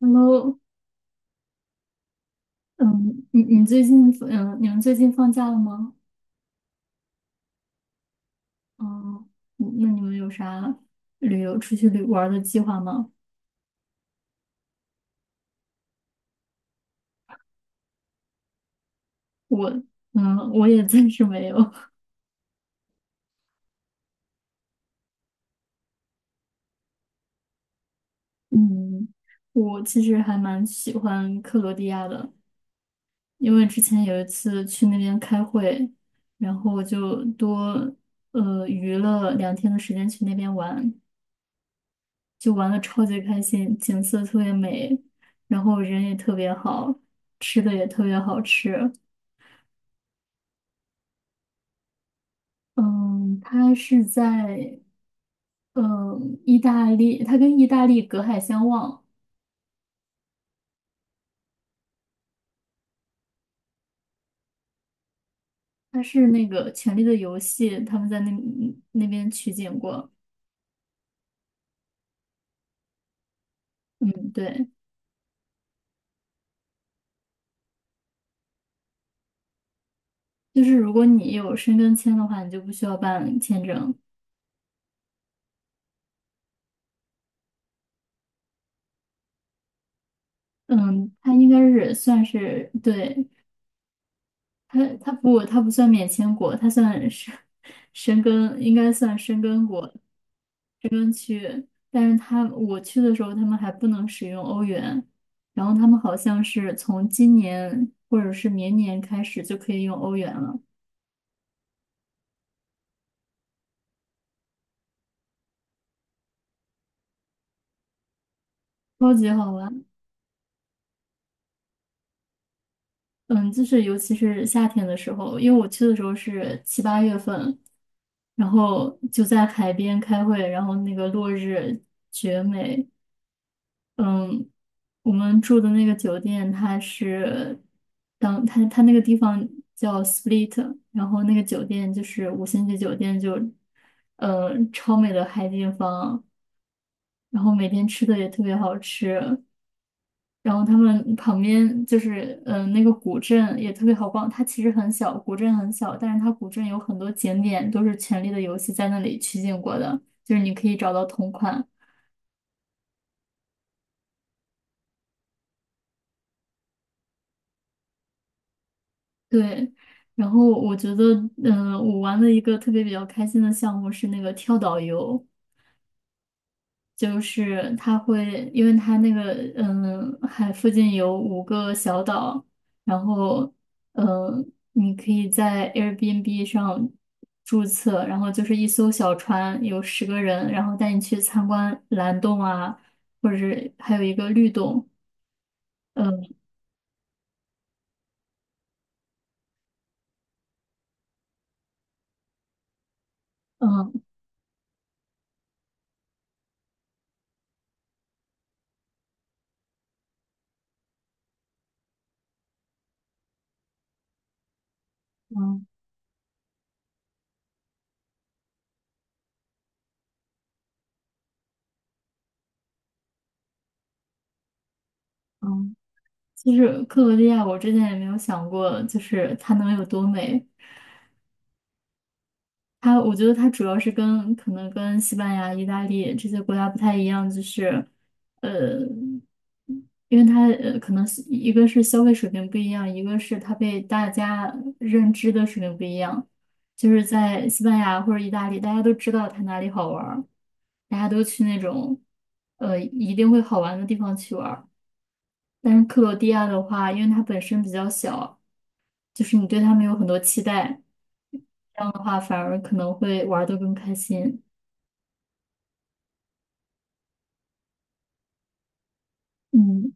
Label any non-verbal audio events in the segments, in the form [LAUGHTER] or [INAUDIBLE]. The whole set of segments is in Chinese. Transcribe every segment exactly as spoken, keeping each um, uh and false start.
Hello，嗯，你你最近嗯，你们最近放假了吗？哦。嗯，那你们有啥旅游出去旅玩儿的计划吗？我嗯，我也暂时没有。[LAUGHS] 嗯，我其实还蛮喜欢克罗地亚的，因为之前有一次去那边开会，然后我就多呃余了两天的时间去那边玩，就玩的超级开心，景色特别美，然后人也特别好，吃的也特别好吃。嗯，它是在嗯意大利，它跟意大利隔海相望。它是那个《权力的游戏》，他们在那那边取景过。嗯，对，就是如果你有申根签的话，你就不需要办签证。嗯，它应该是算是对。它，它不它不算免签国，它算是 [LAUGHS] 申根，应该算申根国。但是他我去的时候，他们还不能使用欧元，然后他们好像是从今年或者是明年开始就可以用欧元了。超级好玩。嗯，就是尤其是夏天的时候，因为我去的时候是七八月份，然后就在海边开会，然后那个落日绝美。我们住的那个酒店，它是当它它那个地方叫 Split，然后那个酒店就是五星级酒店就，嗯超美的海景房，然后每天吃的也特别好吃，然后他们旁边就是嗯、呃那个古镇也特别好逛。它其实很小，古镇很小，但是它古镇有很多景点都是《权力的游戏》在那里取景过的，就是你可以找到同款。对。然后我觉得，嗯、我玩了一个特别比较开心的项目是那个跳岛游。就是它会，因为它那个，嗯、海附近有五个小岛，然后，嗯、你可以在 Airbnb 上注册，然后就是一艘小船，有十个人，然后带你去参观蓝洞啊，或者是还有一个绿洞。嗯嗯嗯嗯。其实克罗地亚，我之前也没有想过，就是它能有多美。它，我觉得它主要是跟可能跟西班牙、意大利这些国家不太一样，就是，呃，因为它呃可能是一个是消费水平不一样，一个是它被大家认知的水平不一样。就是在西班牙或者意大利，大家都知道它哪里好玩儿，大家都去那种呃一定会好玩的地方去玩儿。但是克罗地亚的话，因为它本身比较小，就是你对他们有很多期待，这样的话反而可能会玩的更开心。嗯，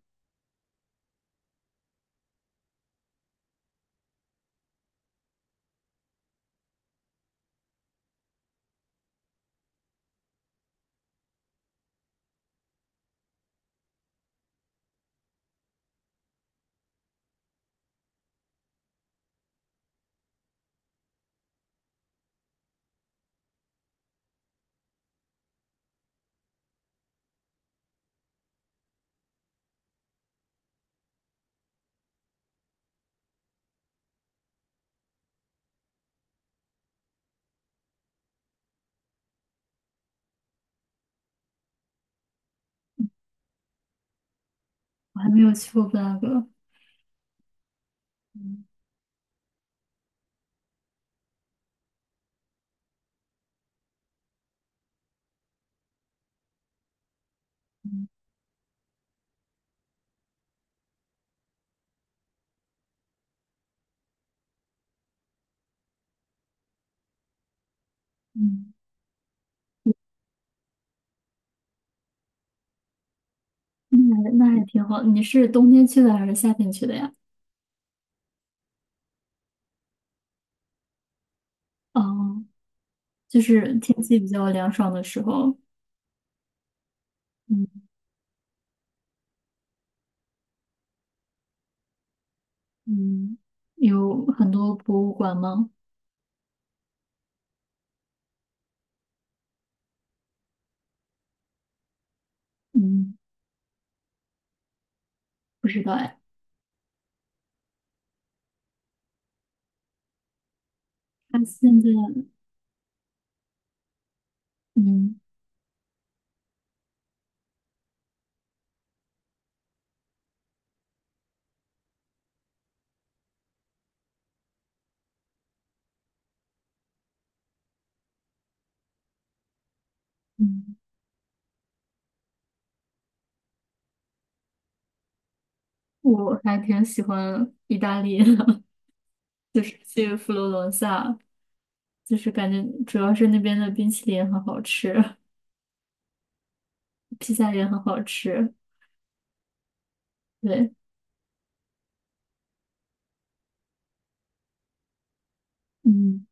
我还没有去过布拉格。嗯嗯嗯。那还那还挺好。你是冬天去的还是夏天去的呀？哦，就是天气比较凉爽的时候。嗯嗯。有很多博物馆吗？嗯，不知道哎。他现在，嗯嗯，我还挺喜欢意大利的 [LAUGHS] 就是去佛罗伦萨。就是感觉主要是那边的冰淇淋也很好吃，披萨也很好吃。对。嗯。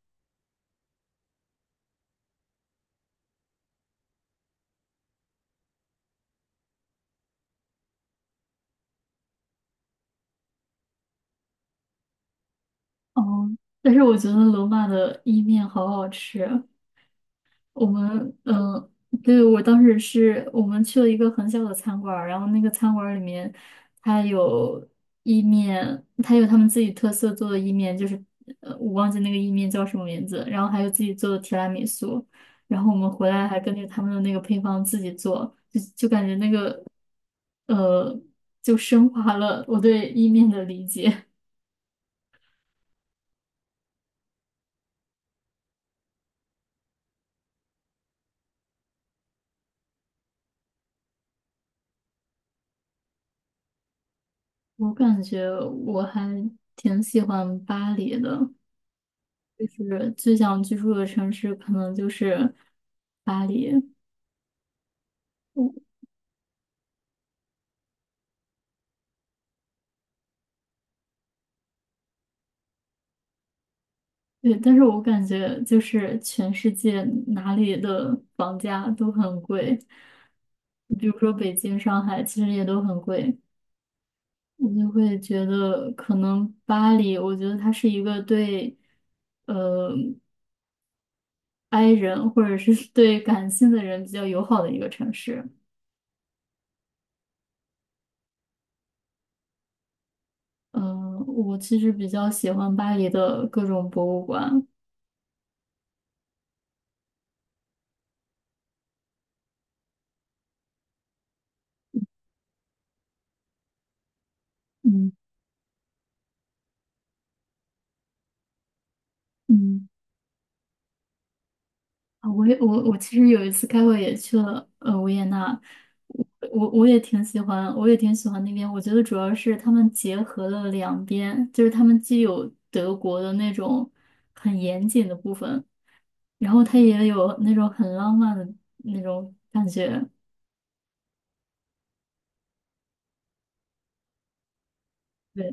哦，但是我觉得罗马的意面好好吃。我们呃，对，我当时是我们去了一个很小的餐馆儿然后那个餐馆儿里面，它有意面，它有他们自己特色做的意面，就是呃，我忘记那个意面叫什么名字，然后还有自己做的提拉米苏，然后我们回来还根据他们的那个配方自己做，就就感觉那个呃，就升华了我对意面的理解。[LAUGHS] 我感觉我还挺喜欢巴黎的。就是最想居住的城市可能就是巴黎。我对，但是我感觉就是全世界哪里的房价都很贵，比如说北京、上海，其实也都很贵。我就会觉得可能巴黎，我觉得它是一个对呃 i 人或者是 [LAUGHS] 对感性的人比较友好的一个城市。嗯、我其实比较喜欢巴黎的各种博物馆。嗯嗯。啊，我也我我其实有一次开会也去了呃维也纳，我我我也挺喜欢，我也挺喜欢那边。我觉得主要是他们结合了两边，就是他们既有德国的那种很严谨的部分，然后它也有那种很浪漫的那种感觉。对，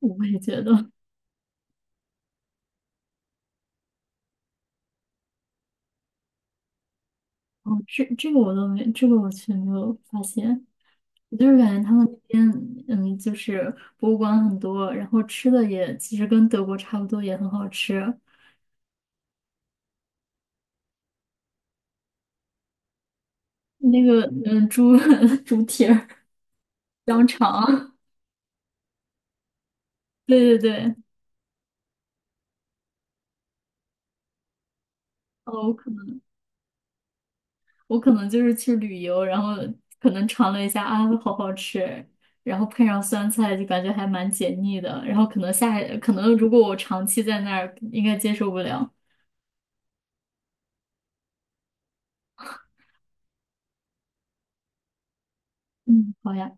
我也觉得。哦，这这个我都没，这个我却没有发现。我就是感觉他们那边，嗯，就是博物馆很多，然后吃的也其实跟德国差不多，也很好吃。那个嗯猪 [LAUGHS] 猪蹄儿、香肠。对对对。哦，我可能我可能就是去旅游，然后可能尝了一下啊，好好吃，然后配上酸菜就感觉还蛮解腻的，然后可能下可能如果我长期在那儿，应该接受不了。嗯，好呀。